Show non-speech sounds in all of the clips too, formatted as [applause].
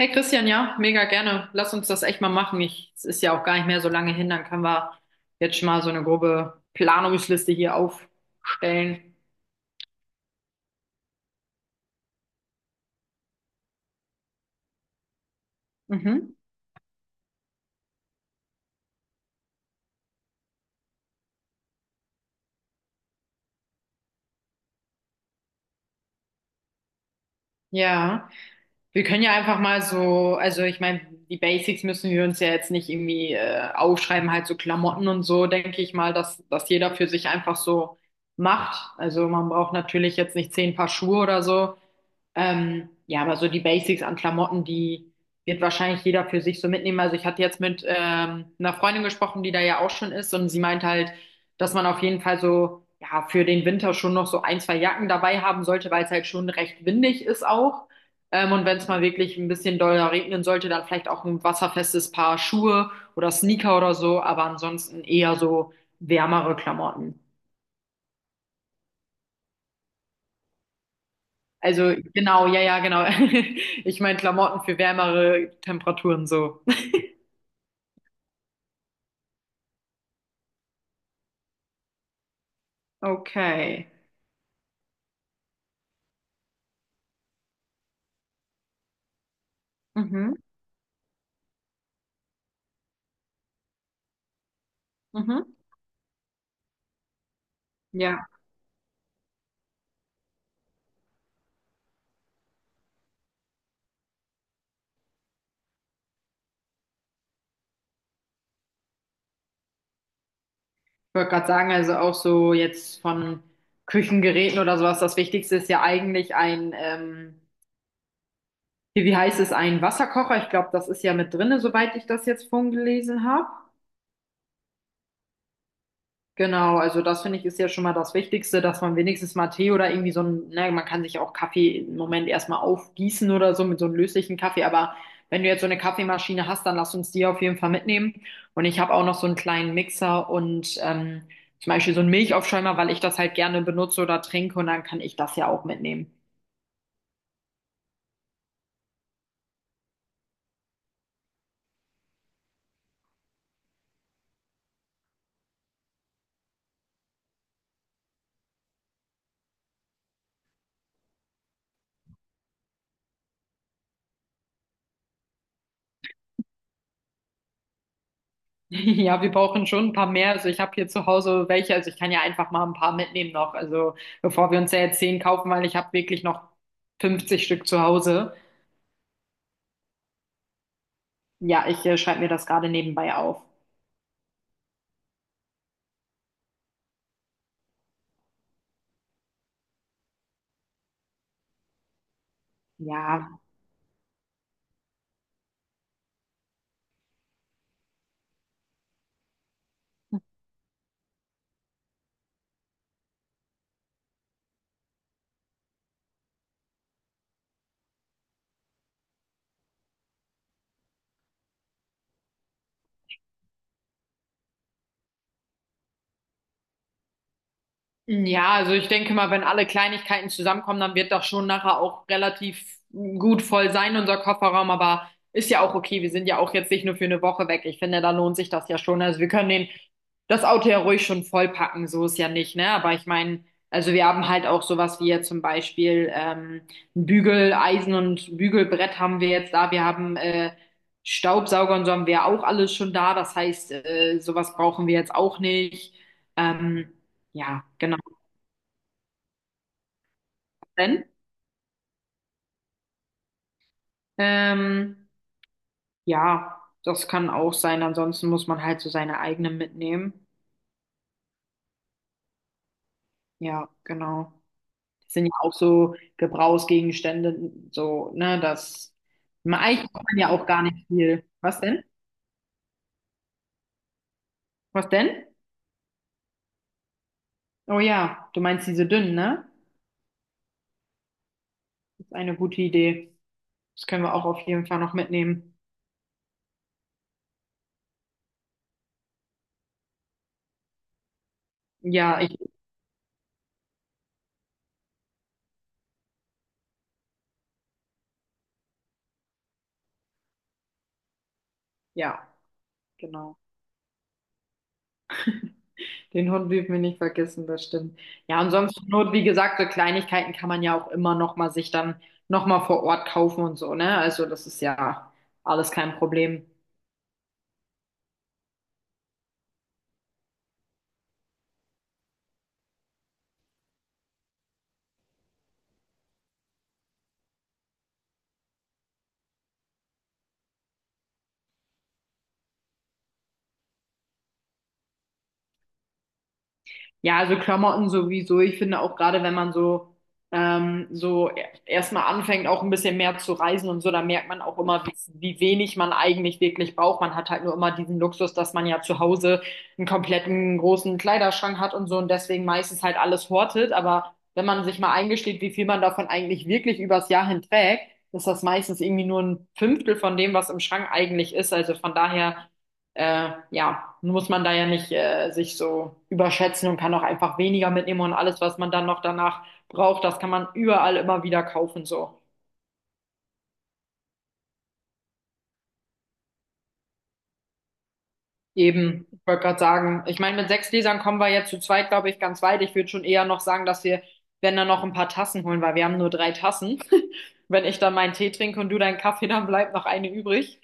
Hey Christian, ja, mega gerne. Lass uns das echt mal machen. Es ist ja auch gar nicht mehr so lange hin, dann können wir jetzt schon mal so eine grobe Planungsliste hier aufstellen. Mhm. Ja, wir können ja einfach mal so, also ich meine, die Basics müssen wir uns ja jetzt nicht irgendwie aufschreiben, halt so Klamotten und so, denke ich mal, dass jeder für sich einfach so macht. Also man braucht natürlich jetzt nicht 10 Paar Schuhe oder so. Ja, aber so die Basics an Klamotten, die wird wahrscheinlich jeder für sich so mitnehmen. Also ich hatte jetzt mit einer Freundin gesprochen, die da ja auch schon ist und sie meint halt, dass man auf jeden Fall so, ja, für den Winter schon noch so ein, zwei Jacken dabei haben sollte, weil es halt schon recht windig ist auch. Und wenn es mal wirklich ein bisschen doller regnen sollte, dann vielleicht auch ein wasserfestes Paar Schuhe oder Sneaker oder so, aber ansonsten eher so wärmere Klamotten. Also genau, ja, ja, genau. [laughs] Ich meine Klamotten für wärmere Temperaturen so. Okay. Mhm, mhm. Ja, ich wollte gerade sagen, also auch so jetzt von Küchengeräten oder sowas, das Wichtigste ist ja eigentlich hier, wie heißt es, ein Wasserkocher. Ich glaube, das ist ja mit drinne, soweit ich das jetzt vorhin gelesen habe. Genau, also das finde ich ist ja schon mal das Wichtigste, dass man wenigstens mal Tee oder irgendwie so ne, man kann sich auch Kaffee im Moment erstmal aufgießen oder so mit so einem löslichen Kaffee, aber wenn du jetzt so eine Kaffeemaschine hast, dann lass uns die auf jeden Fall mitnehmen. Und ich habe auch noch so einen kleinen Mixer und zum Beispiel so einen Milchaufschäumer, weil ich das halt gerne benutze oder trinke und dann kann ich das ja auch mitnehmen. [laughs] Ja, wir brauchen schon ein paar mehr. Also ich habe hier zu Hause welche, also ich kann ja einfach mal ein paar mitnehmen noch. Also bevor wir uns ja jetzt zehn kaufen, weil ich habe wirklich noch 50 Stück zu Hause. Ja, ich schreibe mir das gerade nebenbei auf. Ja, ja, also ich denke mal, wenn alle Kleinigkeiten zusammenkommen, dann wird das schon nachher auch relativ gut voll sein, unser Kofferraum. Aber ist ja auch okay. Wir sind ja auch jetzt nicht nur für eine Woche weg. Ich finde, da lohnt sich das ja schon. Also wir können den, das Auto ja ruhig schon vollpacken. So ist ja nicht, ne? Aber ich meine, also wir haben halt auch sowas wie jetzt zum Beispiel ein Bügeleisen und Bügelbrett haben wir jetzt da. Wir haben Staubsauger und so haben wir auch alles schon da. Das heißt, sowas brauchen wir jetzt auch nicht. Ähm, ja, genau. Wenn, ähm, ja, das kann auch sein. Ansonsten muss man halt so seine eigenen mitnehmen. Ja, genau. Das sind ja auch so Gebrauchsgegenstände, so, ne, eigentlich braucht man ja auch gar nicht viel. Was denn? Was denn? Oh ja, du meinst diese dünnen, ne? Das ist eine gute Idee. Das können wir auch auf jeden Fall noch mitnehmen. Ja, ja, genau. Den Hund dürfen wir nicht vergessen, das stimmt. Ja, und sonst zur Not, wie gesagt, so Kleinigkeiten kann man ja auch immer noch mal sich dann noch mal vor Ort kaufen und so, ne? Also das ist ja alles kein Problem. Ja, also Klamotten sowieso. Ich finde auch gerade, wenn man so, so erstmal anfängt, auch ein bisschen mehr zu reisen und so, da merkt man auch immer, wie wenig man eigentlich wirklich braucht. Man hat halt nur immer diesen Luxus, dass man ja zu Hause einen kompletten großen Kleiderschrank hat und so und deswegen meistens halt alles hortet. Aber wenn man sich mal eingesteht, wie viel man davon eigentlich wirklich übers Jahr hin trägt, ist das meistens irgendwie nur ein Fünftel von dem, was im Schrank eigentlich ist. Also von daher ja, muss man da ja nicht sich so überschätzen und kann auch einfach weniger mitnehmen und alles, was man dann noch danach braucht, das kann man überall immer wieder kaufen, so. Eben, ich wollte gerade sagen, ich meine, mit sechs Gläsern kommen wir jetzt zu zweit, glaube ich, ganz weit. Ich würde schon eher noch sagen, wenn dann noch ein paar Tassen holen, weil wir haben nur drei Tassen. [laughs] Wenn ich dann meinen Tee trinke und du deinen Kaffee, dann bleibt noch eine übrig.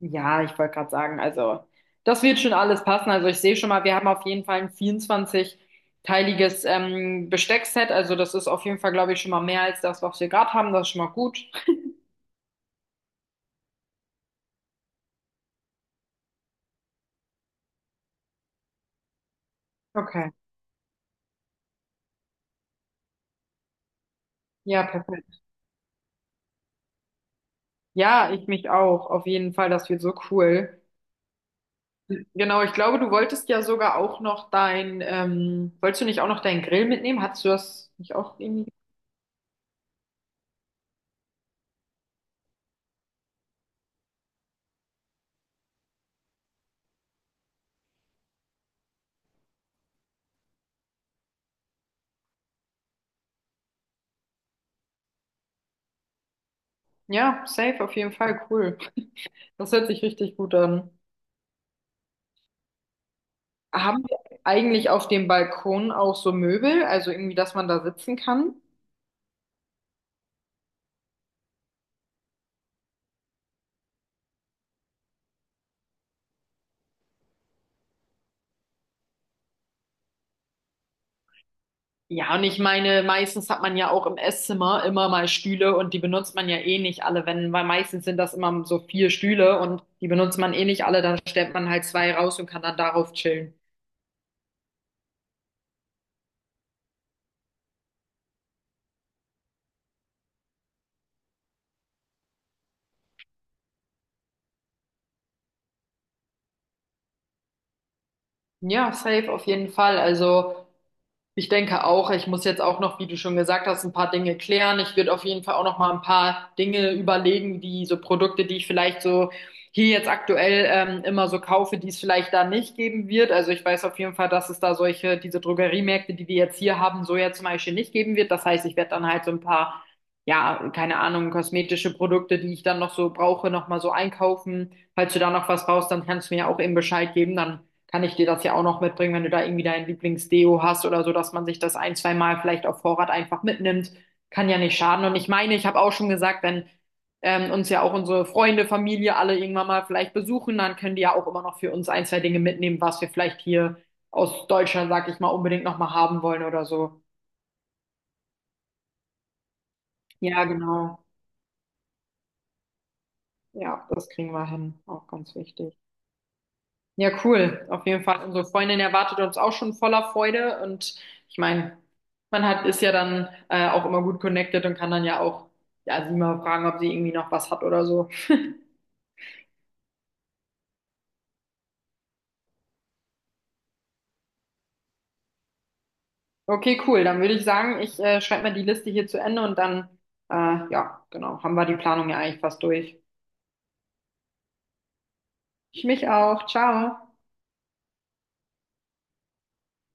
Ja, ich wollte gerade sagen, also das wird schon alles passen. Also ich sehe schon mal, wir haben auf jeden Fall ein 24 teiliges Besteckset. Also das ist auf jeden Fall, glaube ich, schon mal mehr als das, was wir gerade haben. Das ist schon mal gut. Okay. Ja, perfekt. Ja, ich mich auch. Auf jeden Fall, das wird so cool. Genau, ich glaube, du wolltest ja sogar auch noch wolltest du nicht auch noch deinen Grill mitnehmen? Hattest du das nicht auch irgendwie? Ja, safe, auf jeden Fall, cool. [laughs] Das hört sich richtig gut an. Haben wir eigentlich auf dem Balkon auch so Möbel, also irgendwie, dass man da sitzen kann? Ja, und ich meine, meistens hat man ja auch im Esszimmer immer mal Stühle und die benutzt man ja eh nicht alle, wenn, weil meistens sind das immer so vier Stühle und die benutzt man eh nicht alle, dann stellt man halt zwei raus und kann dann darauf chillen. Ja, safe auf jeden Fall. Also ich denke auch, ich muss jetzt auch noch, wie du schon gesagt hast, ein paar Dinge klären. Ich würde auf jeden Fall auch noch mal ein paar Dinge überlegen, die so Produkte, die ich vielleicht so hier jetzt aktuell immer so kaufe, die es vielleicht da nicht geben wird. Also ich weiß auf jeden Fall, dass es da solche, diese Drogeriemärkte, die wir jetzt hier haben, so ja zum Beispiel nicht geben wird. Das heißt, ich werde dann halt so ein paar, ja, keine Ahnung, kosmetische Produkte, die ich dann noch so brauche, noch mal so einkaufen. Falls du da noch was brauchst, dann kannst du mir auch eben Bescheid geben. Dann kann ich dir das ja auch noch mitbringen, wenn du da irgendwie dein Lieblingsdeo hast oder so, dass man sich das ein, zwei Mal vielleicht auf Vorrat einfach mitnimmt. Kann ja nicht schaden. Und ich meine, ich habe auch schon gesagt, wenn uns ja auch unsere Freunde, Familie alle irgendwann mal vielleicht besuchen, dann können die ja auch immer noch für uns ein, zwei Dinge mitnehmen, was wir vielleicht hier aus Deutschland, sag ich mal, unbedingt nochmal haben wollen oder so. Ja, genau. Ja, das kriegen wir hin. Auch ganz wichtig. Ja, cool. Auf jeden Fall. Unsere Freundin erwartet uns auch schon voller Freude. Und ich meine, man hat, ist ja dann auch immer gut connected und kann dann ja auch, ja, sie mal fragen, ob sie irgendwie noch was hat oder so. Okay, cool. Dann würde ich sagen, ich schreibe mal die Liste hier zu Ende und dann, äh, ja, genau, haben wir die Planung ja eigentlich fast durch. Ich mich auch. Ciao.